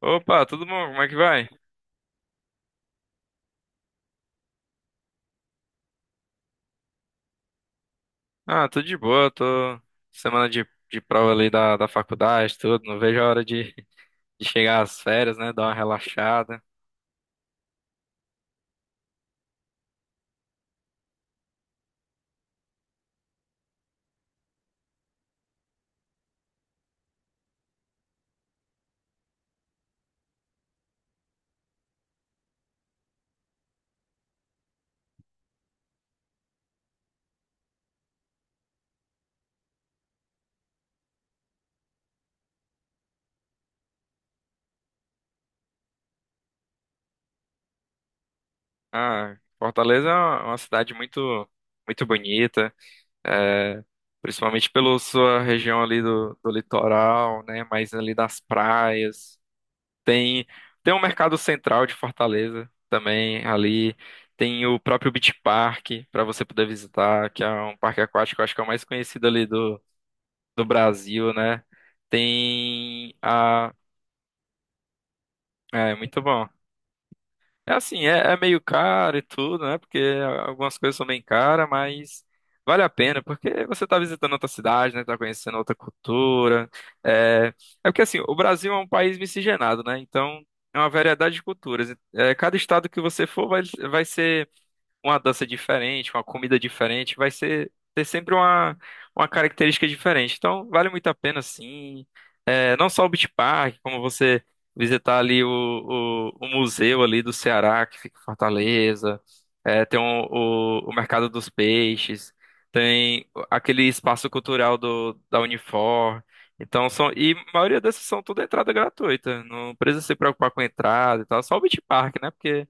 Opa, tudo bom? Como é que vai? Ah, tudo de boa, tô semana de prova ali da faculdade, tudo, não vejo a hora de chegar às férias, né, dar uma relaxada. Ah, Fortaleza é uma cidade muito bonita, é, principalmente pela sua região ali do litoral, né, mais ali das praias. Tem, Tem o Mercado Central de Fortaleza também ali. Tem o próprio Beach Park para você poder visitar, que é um parque aquático, eu acho que é o mais conhecido ali do Brasil, né? Tem a. É, muito bom. É assim, é meio caro e tudo, né? Porque algumas coisas são bem caras, mas vale a pena, porque você tá visitando outra cidade, né? Tá conhecendo outra cultura. É porque assim, o Brasil é um país miscigenado, né? Então é uma variedade de culturas. É, cada estado que você for vai ser uma dança diferente, uma comida diferente, vai ser ter sempre uma característica diferente. Então vale muito a pena, sim. É, não só o Beach Park, como você visitar ali o museu ali do Ceará, que fica em Fortaleza, é, tem o Mercado dos Peixes, tem aquele espaço cultural da Unifor. Então são, e a maioria dessas são tudo entrada gratuita, não precisa se preocupar com entrada e tal, só o Beach Park, né? Porque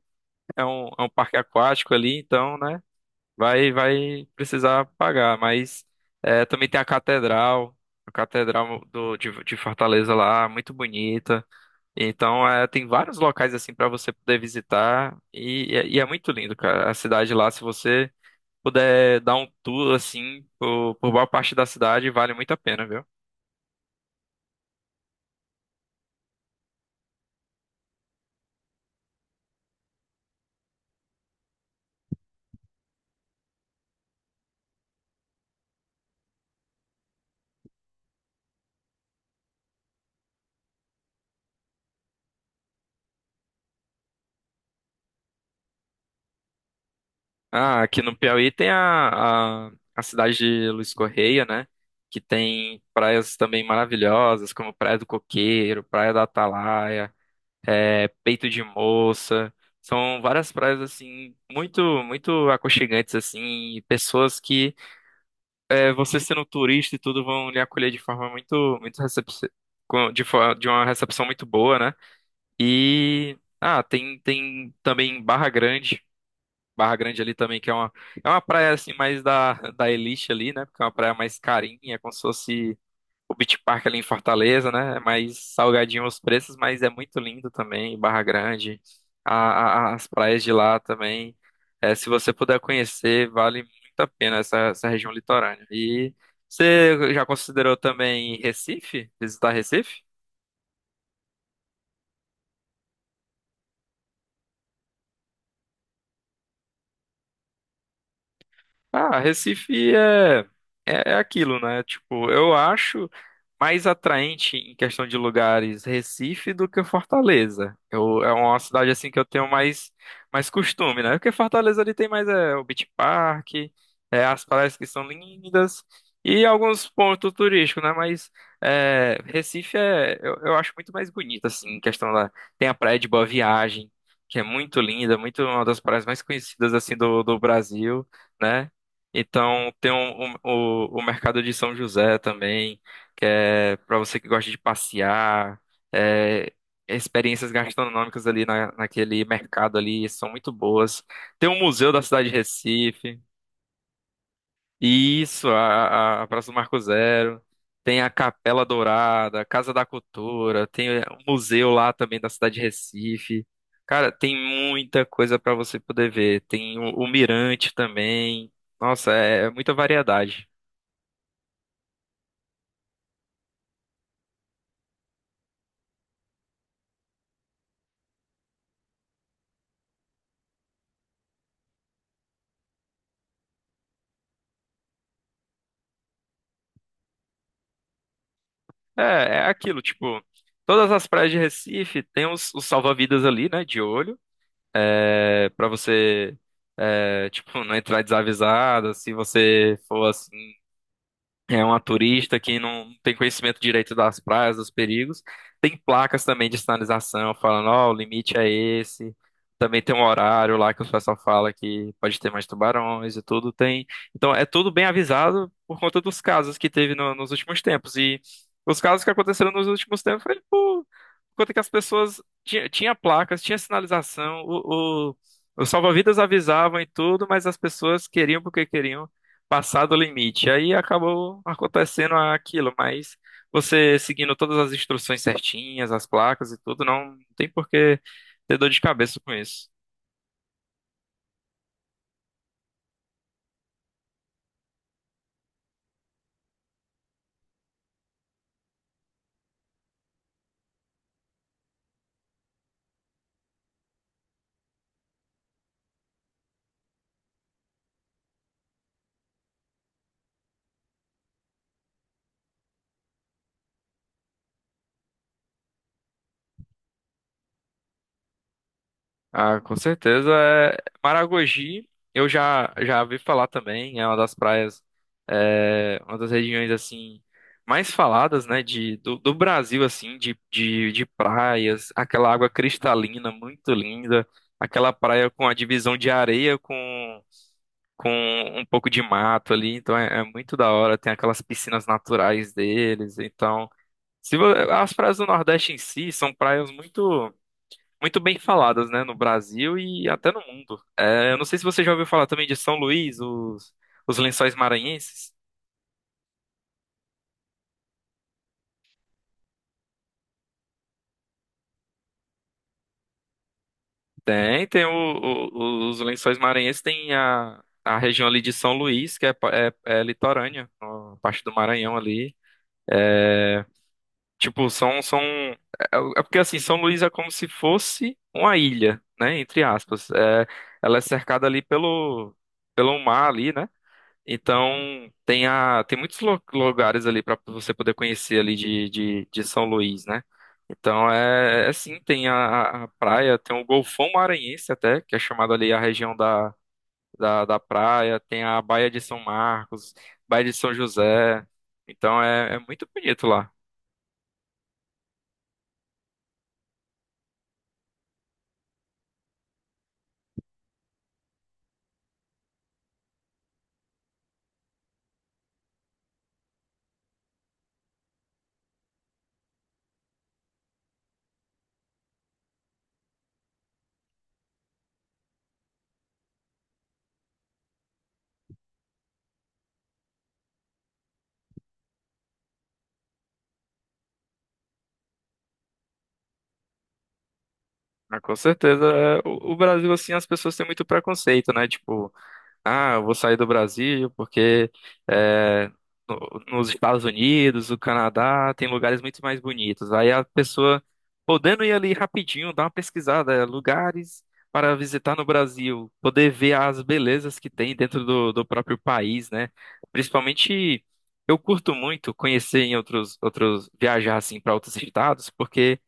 é um parque aquático ali, então, né? Vai precisar pagar, mas é, também tem a catedral de Fortaleza lá, muito bonita. Então é, tem vários locais assim para você poder visitar e é muito lindo, cara. A cidade lá, se você puder dar um tour assim por boa parte da cidade, vale muito a pena, viu? Ah, aqui no Piauí tem a cidade de Luiz Correia, né? Que tem praias também maravilhosas, como Praia do Coqueiro, Praia da Atalaia. É Peito de Moça. São várias praias assim muito aconchegantes assim, e pessoas que é, você sendo turista e tudo vão lhe acolher de forma muito muito recepci- com- de, fo- de uma recepção muito boa, né? E ah, tem também Barra Grande. Barra Grande ali também, que é é uma praia assim mais da elite ali, né? Porque é uma praia mais carinha, como se fosse. O Beach Park ali em Fortaleza, né? É mais salgadinho os preços, mas é muito lindo também, Barra Grande, as praias de lá também. É, se você puder conhecer, vale muito a pena essa região litorânea. E você já considerou também Recife? Visitar Recife? Ah, é aquilo, né? Tipo, eu acho mais atraente em questão de lugares Recife do que Fortaleza. Eu, é uma cidade assim que eu tenho mais costume, né? Porque Fortaleza ali tem mais é, o Beach Park, é, as praias que são lindas e alguns pontos turísticos, né? Mas é, Recife é, eu acho muito mais bonito, assim, em questão da. Tem a Praia de Boa Viagem, que é muito linda, muito uma das praias mais conhecidas assim do Brasil né? Então, tem o mercado de São José também, que é para você que gosta de passear, é, experiências gastronômicas ali naquele mercado ali são muito boas. Tem o Museu da Cidade de Recife. Isso, a Praça do Marco Zero. Tem a Capela Dourada, a Casa da Cultura, tem um museu lá também da cidade de Recife. Cara, tem muita coisa para você poder ver. Tem o Mirante também. Nossa, é muita variedade. É aquilo, tipo, todas as praias de Recife tem os salva-vidas ali, né, de olho, é, para você, é, tipo, não entrar desavisado, se você for assim. É uma turista que não tem conhecimento direito das praias, dos perigos. Tem placas também de sinalização falando, ó, o limite é esse. Também tem um horário lá que o pessoal fala que pode ter mais tubarões e tudo tem. Então é tudo bem avisado por conta dos casos que teve nos últimos tempos. E os casos que aconteceram nos últimos tempos foi por conta que as pessoas tinha placas, tinha sinalização, os salva-vidas avisavam e tudo, mas as pessoas queriam porque queriam passado o limite. Aí acabou acontecendo aquilo, mas você seguindo todas as instruções certinhas, as placas e tudo, não tem por que ter dor de cabeça com isso. Ah, com certeza. É, Maragogi, eu já ouvi falar também, é uma das praias, é, uma das regiões assim mais faladas, né, do Brasil assim, de praias, aquela água cristalina muito linda, aquela praia com a divisão de areia com um pouco de mato ali, então é, é muito da hora, tem aquelas piscinas naturais deles, então, se vo- as praias do Nordeste em si são praias muito bem faladas, né, no Brasil e até no mundo. É, eu não sei se você já ouviu falar também de São Luís, os Lençóis Maranhenses. Tem os Lençóis Maranhenses, tem a região ali de São Luís, que é, é litorânea, a parte do Maranhão ali. Tipo, são... É porque, assim, São Luís é como se fosse uma ilha, né? Entre aspas. É, ela é cercada ali pelo mar ali, né? Então, tem, a, tem muitos lugares ali para você poder conhecer ali de São Luís, né? Então, é, é sim, tem a praia, tem o Golfão Maranhense até, que é chamado ali a região da praia, tem a Baía de São Marcos, Baía de São José. Então, é, é muito bonito lá. Ah, com certeza. É, o Brasil, assim, as pessoas têm muito preconceito, né? Tipo, ah, eu vou sair do Brasil porque é, nos Estados Unidos, o Canadá, tem lugares muito mais bonitos. Aí a pessoa, podendo ir ali rapidinho, dar uma pesquisada, é, lugares para visitar no Brasil, poder ver as belezas que tem dentro do próprio país, né? Principalmente, eu curto muito conhecer em viajar, assim, para outros estados, porque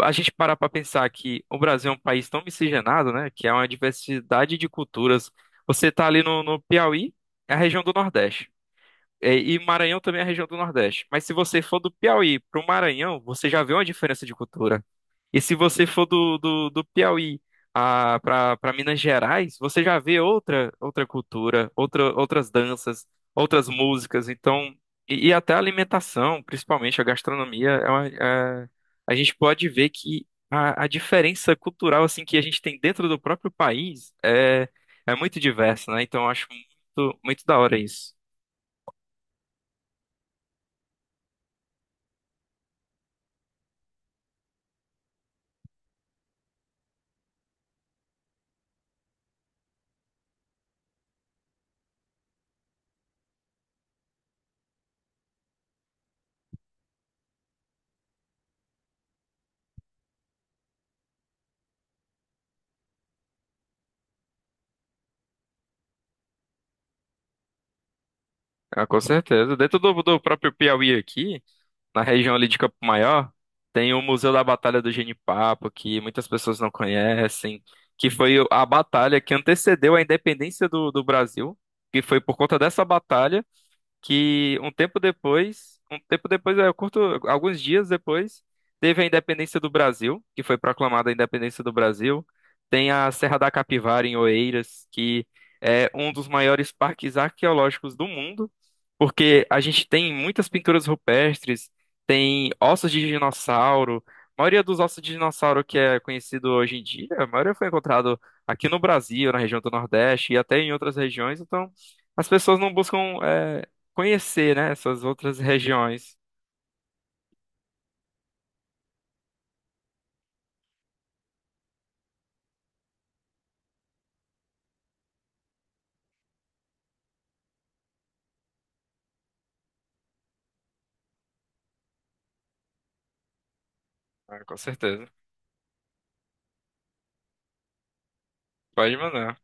a gente parar para pensar que o Brasil é um país tão miscigenado, né? Que é uma diversidade de culturas. Você tá ali no Piauí, é a região do Nordeste. É, E Maranhão também é a região do Nordeste. Mas se você for do Piauí para o Maranhão, você já vê uma diferença de cultura. E se você for do Piauí para Minas Gerais, você já vê outra cultura, outra, outras danças, outras músicas. Então, e até a alimentação, principalmente a gastronomia, a gente pode ver que a diferença cultural assim que a gente tem dentro do próprio país é, é muito diversa, né? Então, eu acho muito, muito da hora isso. Ah, com certeza. Dentro do próprio Piauí aqui, na região ali de Campo Maior, tem o Museu da Batalha do Genipapo, que muitas pessoas não conhecem, que foi a batalha que antecedeu a independência do Brasil, que foi por conta dessa batalha que um tempo depois, alguns dias depois, teve a independência do Brasil, que foi proclamada a independência do Brasil. Tem a Serra da Capivara em Oeiras, que é um dos maiores parques arqueológicos do mundo, porque a gente tem muitas pinturas rupestres, tem ossos de dinossauro. A maioria dos ossos de dinossauro que é conhecido hoje em dia, a maioria foi encontrado aqui no Brasil, na região do Nordeste e até em outras regiões, então as pessoas não buscam é, conhecer, né, essas outras regiões. Ah, com certeza. Pode mandar.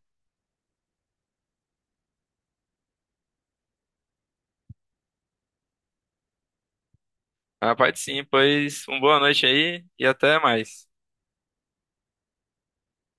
Ah, pode sim, pois uma boa noite aí e até mais.